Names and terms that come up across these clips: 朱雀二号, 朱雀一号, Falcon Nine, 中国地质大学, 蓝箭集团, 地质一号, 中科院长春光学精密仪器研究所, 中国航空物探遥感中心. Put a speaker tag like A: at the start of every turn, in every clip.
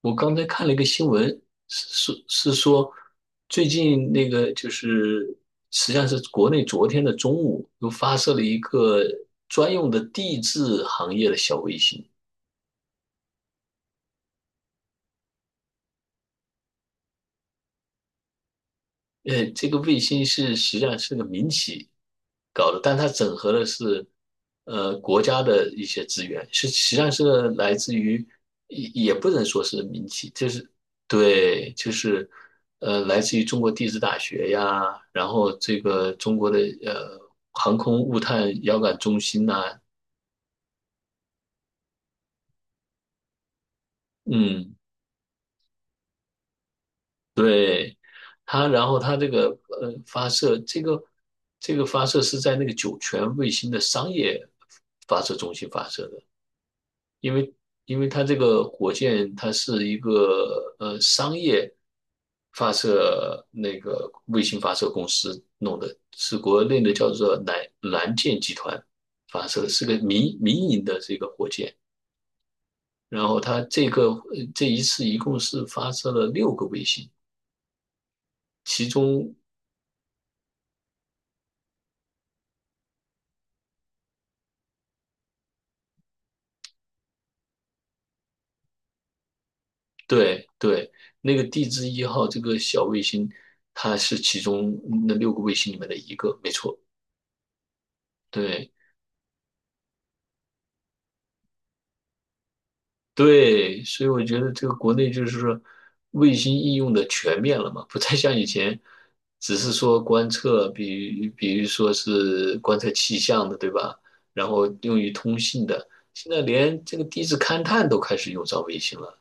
A: 我刚才看了一个新闻，是是是说，最近那个就是，实际上是国内昨天的中午又发射了一个专用的地质行业的小卫星。这个卫星是实际上是个民企搞的，但它整合的是国家的一些资源，是实际上是来自于也不能说是民企，就是对，就是来自于中国地质大学呀，然后这个中国的呃航空物探遥感中心呐、嗯，对。它，然后它这个发射，这个发射是在那个酒泉卫星的商业发射中心发射的。因为因为它这个火箭它是一个商业发射那个卫星发射公司弄的，是国内的叫做蓝箭集团发射的是个民营的这个火箭。然后它这个这一次一共是发射了六个卫星。其中对对，那个地质一号这个小卫星，它是其中那6个卫星里面的一个，没错。对对，所以我觉得这个国内就是说，卫星应用的全面了嘛，不再像以前，只是说观测，比如说是观测气象的，对吧？然后用于通信的，现在连这个地质勘探都开始用上卫星了。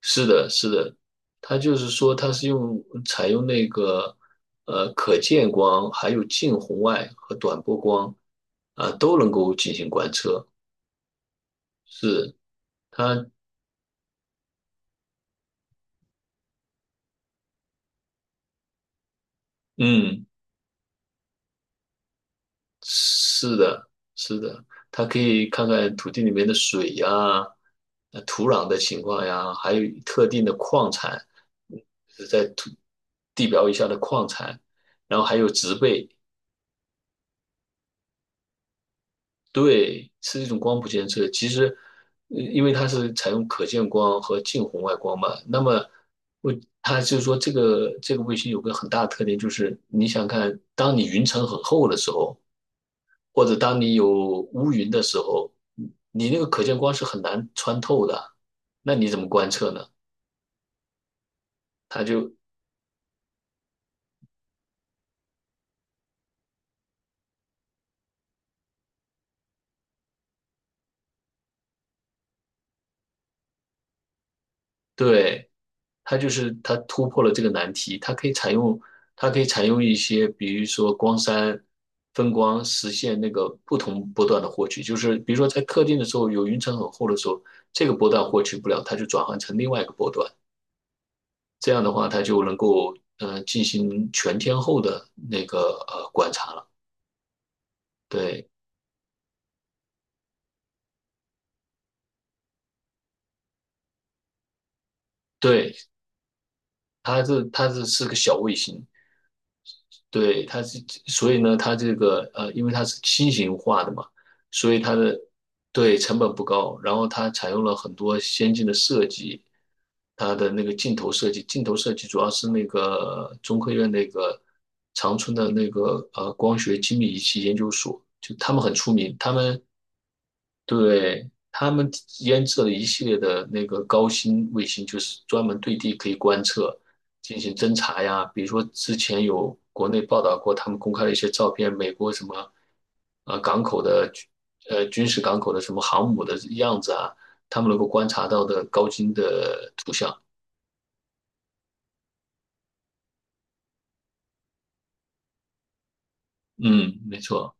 A: 是的，是的，它就是说，它是用采用那个可见光，还有近红外和短波光啊、都能够进行观测。是它，嗯，是的，是的，它可以看看土地里面的水呀、土壤的情况呀，还有特定的矿产。嗯，就是在土地表以下的矿产，然后还有植被。对，是一种光谱监测。其实，因为它是采用可见光和近红外光嘛，那么我它就是说，这个卫星有个很大的特点，就是你想看，当你云层很厚的时候，或者当你有乌云的时候，你那个可见光是很难穿透的，那你怎么观测呢？它就对。它就是它突破了这个难题，它可以采用一些，比如说光栅分光，实现那个不同波段的获取。就是比如说在特定的时候有云层很厚的时候，这个波段获取不了，它就转换成另外一个波段。这样的话，它就能够进行全天候的那个观察了。对对，它是个小卫星。对，它是，所以呢，它这个因为它是新型化的嘛，所以对，成本不高，然后它采用了很多先进的设计。它的那个镜头设计，镜头设计主要是那个中科院那个长春的那个光学精密仪器研究所，就他们很出名。对，他们研制了一系列的那个高新卫星，就是专门对地可以观测、进行侦查呀。比如说，之前有国内报道过，他们公开了一些照片，美国什么港口的军事港口的什么航母的样子啊，他们能够观察到的高精的图像。嗯，没错。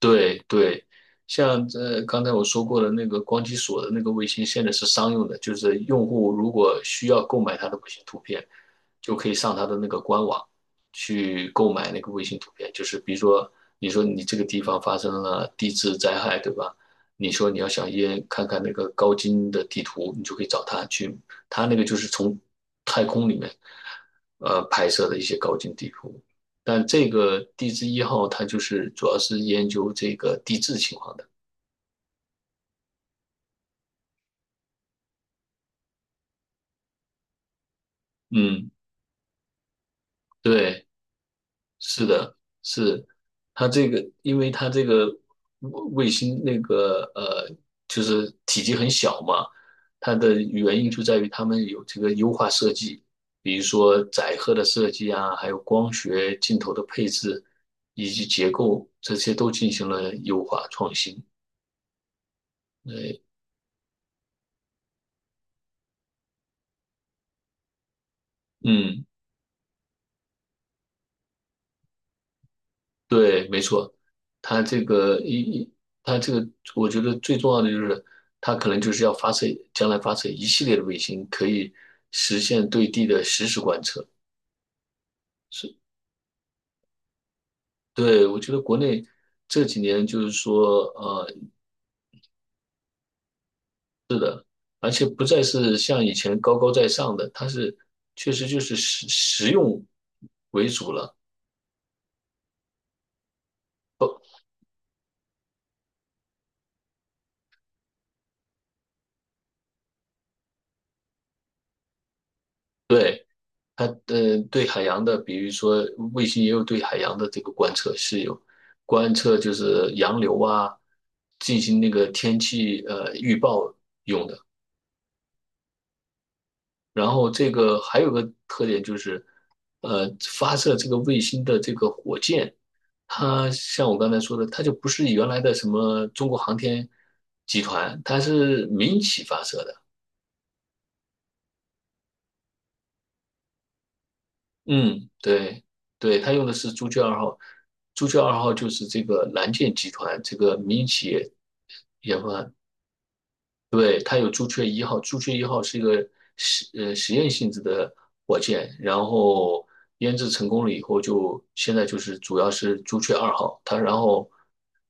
A: 对对，像这刚才我说过的那个光机锁的那个卫星，现在是商用的，就是用户如果需要购买它的卫星图片，就可以上它的那个官网去购买那个卫星图片。就是比如说，你说你这个地方发生了地质灾害，对吧？你说你要想也看看那个高精的地图，你就可以找它去，它那个就是从太空里面拍摄的一些高精地图。但这个地质一号它就是主要是研究这个地质情况的。嗯，对，是的，是它这个，因为它这个卫星那个就是体积很小嘛，它的原因就在于他们有这个优化设计，比如说载荷的设计啊，还有光学镜头的配置以及结构，这些都进行了优化创新。对，嗯。对，没错，他这个一一，他这个，我觉得最重要的就是，他可能就是要发射，将来发射一系列的卫星，可以实现对地的实时观测。是，对，我觉得国内这几年就是说，而且不再是像以前高高在上的，它是确实就是实用为主了。对。它对海洋的，比如说卫星也有对海洋的这个观测是有观测，就是洋流啊，进行那个天气预报用的。然后这个还有个特点就是，发射这个卫星的这个火箭，它像我刚才说的，它就不是原来的什么中国航天集团，它是民企发射的。嗯，对，对，他用的是朱雀二号。朱雀二号就是这个蓝箭集团这个民营企业研发。对，它有朱雀一号。朱雀一号是一个实验性质的火箭，然后研制成功了以后就，现在就是主要是朱雀二号。它然后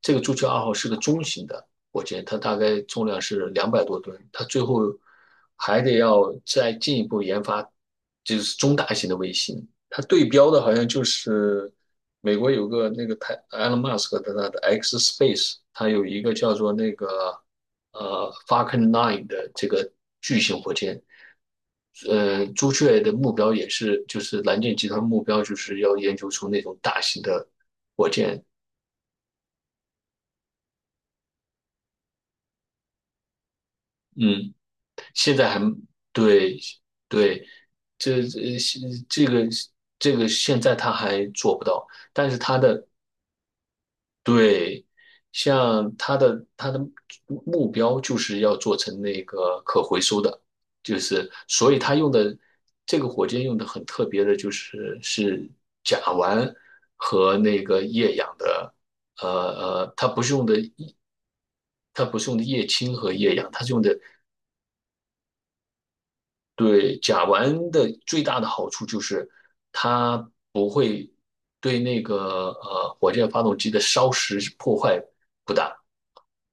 A: 这个朱雀二号是个中型的火箭，它大概重量是200多吨，它最后还得要再进一步研发，就是中大型的卫星。它对标的好像就是美国有个那个台 Elon Musk 的他的 X Space,它有一个叫做那个Falcon Nine 的这个巨型火箭。朱雀的目标也是就是蓝箭集团目标就是要研究出那种大型的火箭。嗯，现在还对对，这这这个这个现在他还做不到，但是他的对，像它的目标就是要做成那个可回收的，就是所以它用的这个火箭用的很特别的，就是甲烷和那个液氧的。呃呃，它不是用的液，它不是用的液氢和液氧，它是用的对，甲烷的最大的好处就是它不会对那个火箭发动机的烧蚀破坏不大，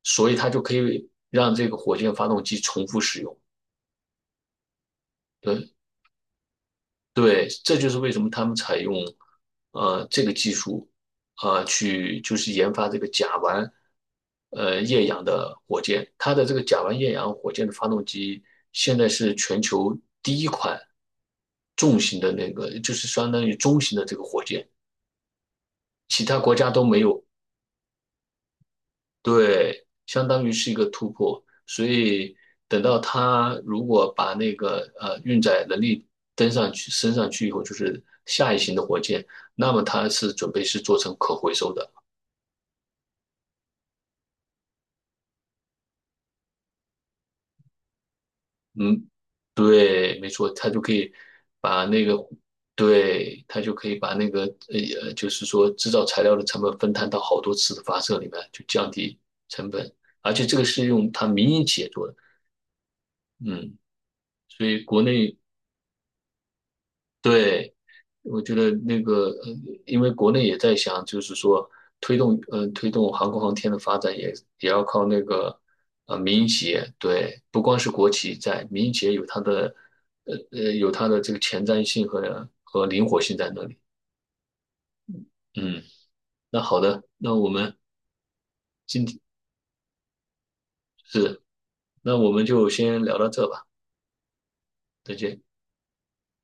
A: 所以它就可以让这个火箭发动机重复使用。对，对，这就是为什么他们采用这个技术啊、去就是研发这个甲烷液氧的火箭。它的这个甲烷液氧火箭的发动机现在是全球第一款重型的那个，就是相当于中型的这个火箭，其他国家都没有。对，相当于是一个突破。所以等到他如果把那个运载能力登上去升上去以后，就是下一型的火箭，那么它是准备是做成可回收的。嗯，对，没错，它就可以把那个，对，它就可以把那个就是说制造材料的成本分摊到好多次的发射里面，就降低成本。而且这个是用它民营企业做的。嗯，所以国内对，我觉得那个，因为国内也在想，就是说推动航空航天的发展也，也要靠那个，民营企业。对，不光是国企在，民营企业有它的，有它的这个前瞻性和灵活性在那里。嗯，那好的，那我们今天是，那我们就先聊到这吧，再见。